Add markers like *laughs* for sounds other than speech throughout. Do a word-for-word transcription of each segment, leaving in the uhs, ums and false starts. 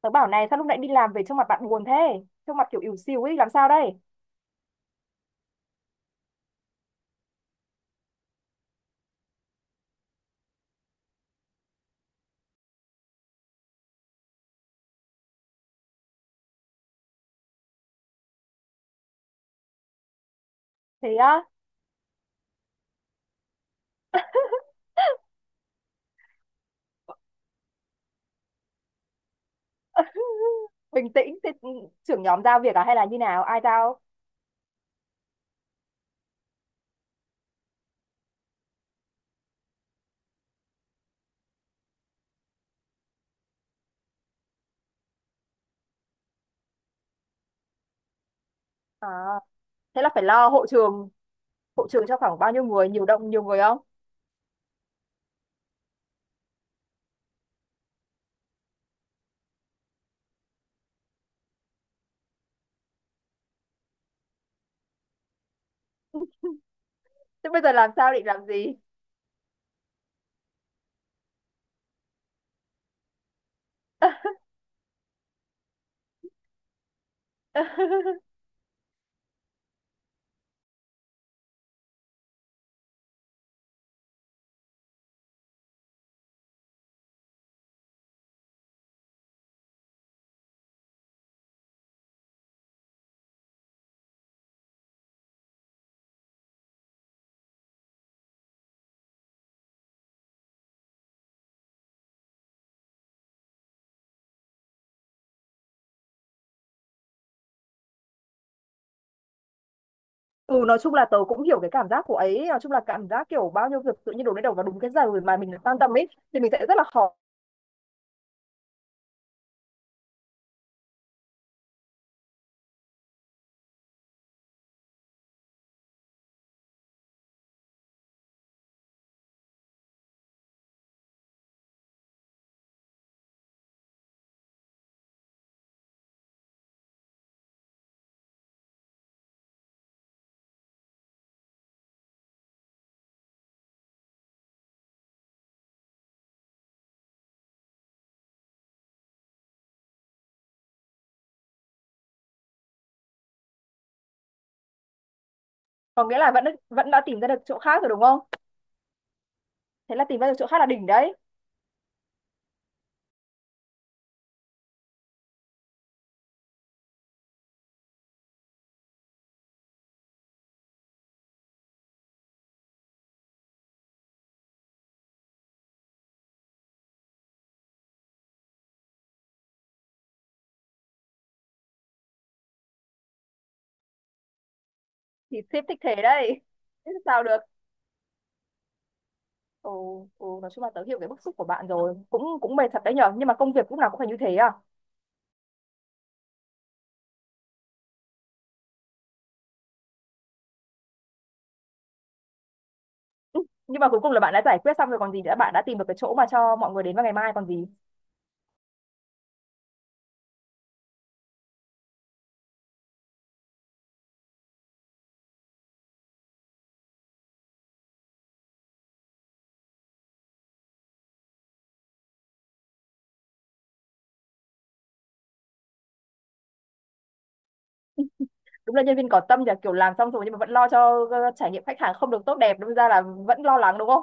Tớ bảo này sao lúc nãy đi làm về trông mặt bạn buồn thế? Trông mặt kiểu ỉu xìu ấy, làm sao đây? Thế á, bình tĩnh, thế ừ, trưởng nhóm giao việc à hay là như nào? Ai giao? À, thế là phải lo hộ trường, hộ trường cho khoảng bao nhiêu người, nhiều đông, nhiều người không? Thế bây giờ làm sao định làm gì? *laughs* ừ nói chung là tớ cũng hiểu cái cảm giác của ấy, nói chung là cảm giác kiểu bao nhiêu việc tự nhiên đổ lên đầu vào đúng cái giờ mà mình quan tâm ấy thì mình sẽ rất là khó. Có nghĩa là vẫn vẫn đã tìm ra được chỗ khác rồi đúng không? Thế là tìm ra được chỗ khác là đỉnh đấy. Thì ship thích thế đấy. *laughs* Thế sao được. ừ, ừ, nói chung là tớ hiểu cái bức xúc của bạn rồi, cũng cũng mệt thật đấy nhở, nhưng mà công việc lúc nào cũng phải như thế à? Ừ, nhưng mà cuối cùng là bạn đã giải quyết xong rồi còn gì nữa, bạn đã tìm được cái chỗ mà cho mọi người đến vào ngày mai còn gì. Đúng là nhân viên có tâm nhỉ, kiểu làm xong rồi nhưng mà vẫn lo cho ờ, trải nghiệm khách hàng không được tốt đẹp, đâm ra là vẫn lo lắng đúng không?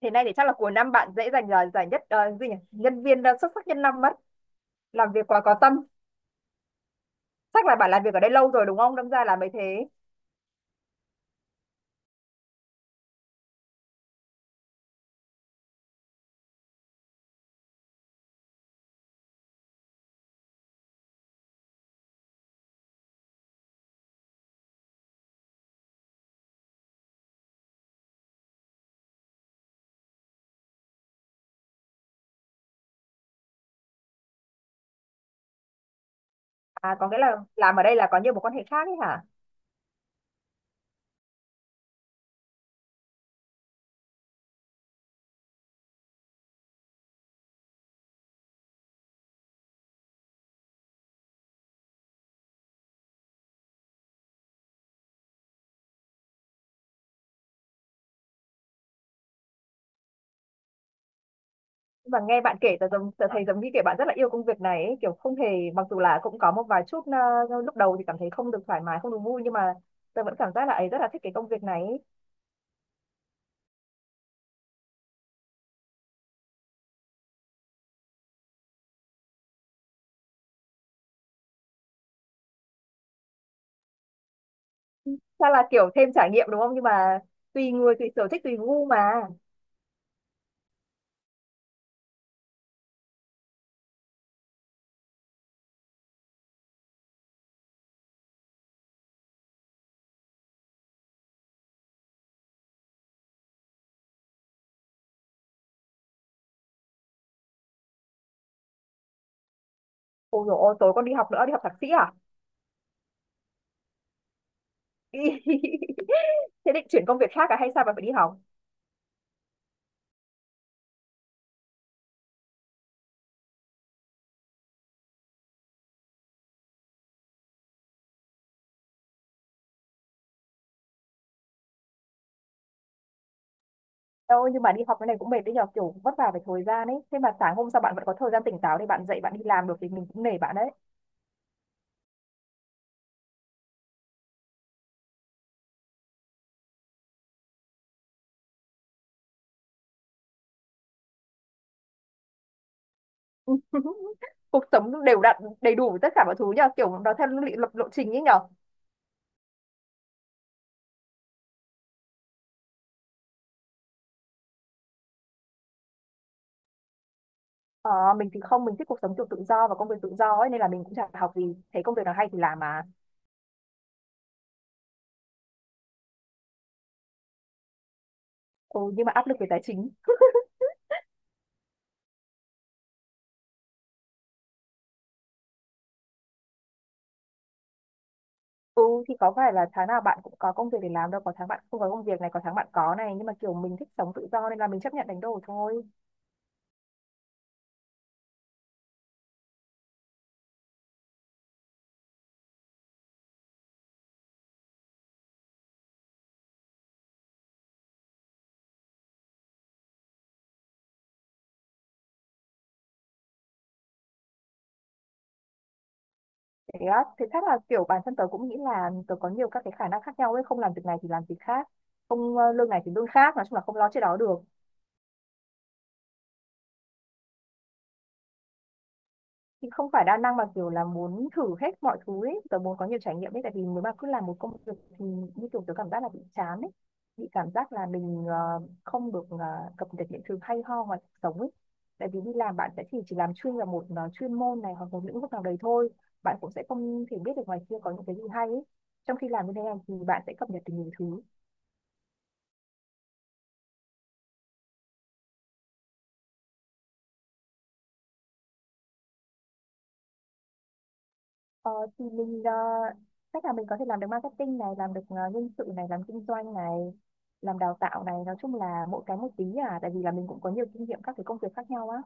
Thế này thì chắc là cuối năm bạn dễ giành ờ, giải nhất, ờ, gì nhỉ? Nhân viên ờ, xuất sắc nhất năm mất. Làm việc quá có tâm. Chắc là bạn làm việc ở đây lâu rồi đúng không, đâm ra là mới thế. À, có nghĩa là làm ở đây là có nhiều mối quan hệ khác ấy hả? Mà nghe bạn kể tớ giống, tớ thấy giống như kiểu bạn rất là yêu công việc này ấy, kiểu không hề, mặc dù là cũng có một vài chút ờ, lúc đầu thì cảm thấy không được thoải mái, không được vui, nhưng mà tớ vẫn cảm giác là ấy rất là thích cái công việc này ấy. Chắc là kiểu thêm trải nghiệm đúng không, nhưng mà tùy người tùy sở thích tùy gu mà. Ôi dồi ôi tối con đi học nữa, đi học thạc sĩ à? *laughs* Thế định chuyển công việc khác à hay sao bạn phải đi học? Đâu nhưng mà đi học cái này cũng mệt đấy nhờ, kiểu vất vả về thời gian ấy, thế mà sáng hôm sau bạn vẫn có thời gian tỉnh táo để bạn dậy bạn đi làm được thì mình cũng nể bạn đấy. *laughs* Cuộc sống đều đặn đầy đủ tất cả mọi thứ nhờ, kiểu nó theo lý lập lộ trình ấy nhở. ờ, mình thì không, mình thích cuộc sống kiểu tự do và công việc tự do ấy, nên là mình cũng chả học gì, thấy công việc nào hay thì làm mà. Ừ, nhưng mà áp lực về tài chính. Ừ thì có phải là tháng nào bạn cũng có công việc để làm đâu, có tháng bạn không có công việc này, có tháng bạn có này, nhưng mà kiểu mình thích sống tự do nên là mình chấp nhận đánh đổi thôi. Thế á, thế chắc là kiểu bản thân tớ cũng nghĩ là tớ có nhiều các cái khả năng khác nhau ấy, không làm việc này thì làm việc khác, không ờ, lương này thì lương khác, nói chung là không lo chuyện đó được. Thì không phải đa năng, mà kiểu là muốn thử hết mọi thứ ấy, tớ muốn có nhiều trải nghiệm ấy, tại vì nếu mà cứ làm một công việc thì như kiểu tớ cảm giác là bị chán ấy, bị cảm giác là mình ờ, không được ờ, cập nhật những thứ hay ho ngoài cuộc sống ấy, tại vì đi làm bạn sẽ chỉ chỉ làm chuyên vào một ờ, chuyên môn này hoặc một lĩnh vực nào đấy thôi, bạn cũng sẽ không thể biết được ngoài kia có những cái gì hay ấy, trong khi làm như thế này thì bạn sẽ cập nhật được nhiều thứ. Ờ, thì mình ờ, chắc là mình có thể làm được marketing này, làm được ờ, nhân sự này, làm kinh doanh này, làm đào tạo này, nói chung là mỗi cái một tí, à, tại vì là mình cũng có nhiều kinh nghiệm các cái công việc khác nhau á.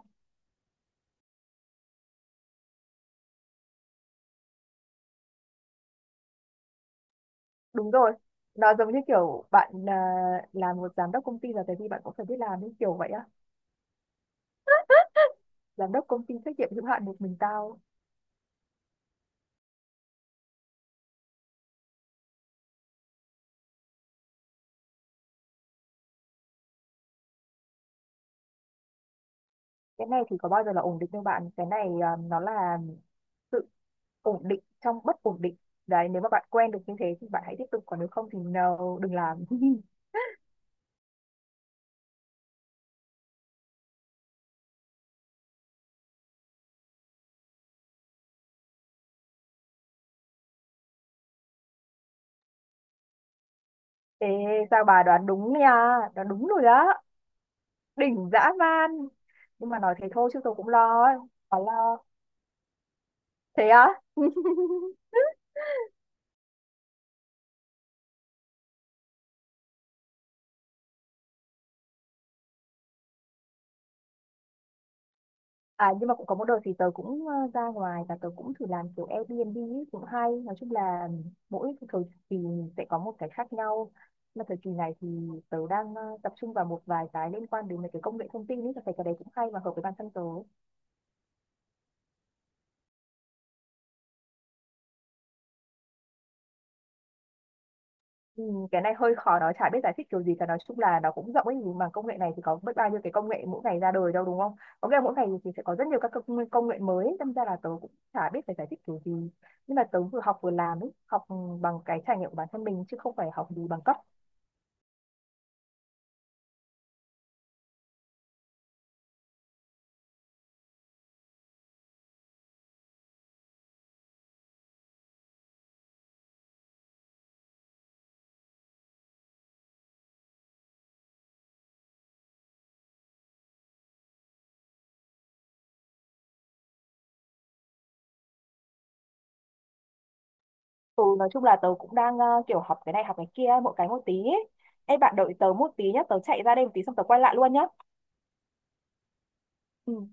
Đúng rồi, nó giống như kiểu bạn ờ, làm một giám đốc công ty, là tại vì bạn cũng phải biết làm như kiểu vậy á. Giám đốc công ty trách nhiệm hữu hạn một mình tao. Cái này thì có bao giờ là ổn định đâu bạn, cái này ờ, nó là sự ổn định trong bất ổn định. Đấy, nếu mà bạn quen được như thế thì bạn hãy tiếp tục, còn nếu không thì no, đừng làm. *laughs* Ê, sao bà đoán đúng nha, đoán đúng rồi đó, đỉnh dã man. Nhưng mà nói thế thôi chứ tôi cũng lo, ấy. Bà lo. Thế á? *laughs* À nhưng mà cũng có một đợt thì tớ cũng ờ, ra ngoài và tớ cũng thử làm kiểu Airbnb ấy, cũng hay. Nói chung là mỗi cái thời kỳ sẽ có một cái khác nhau. Mà thời kỳ này thì tớ đang ờ, tập trung vào một vài cái liên quan đến mấy cái công nghệ thông tin ấy, tớ thấy cái đấy cũng hay và hợp với bản thân tớ. Ừ, cái này hơi khó nói, chả biết giải thích kiểu gì cả, nói chung là nó cũng rộng ấy, nhưng mà công nghệ này thì có biết bao nhiêu cái công nghệ mỗi ngày ra đời đâu đúng không? Có nghĩa là mỗi ngày thì sẽ có rất nhiều các công, công nghệ mới ấy, đâm ra là tớ cũng chả biết phải giải thích kiểu gì, nhưng mà tớ vừa học vừa làm ấy, học ừ, bằng cái trải nghiệm của bản thân mình chứ không phải học gì bằng cấp. Ừ nói chung là tớ cũng đang ờ, kiểu học cái này học cái kia mỗi cái một tí ấy. Ê bạn đợi tớ một tí nhá, tớ chạy ra đây một tí xong tớ quay lại luôn nhá. Ừ.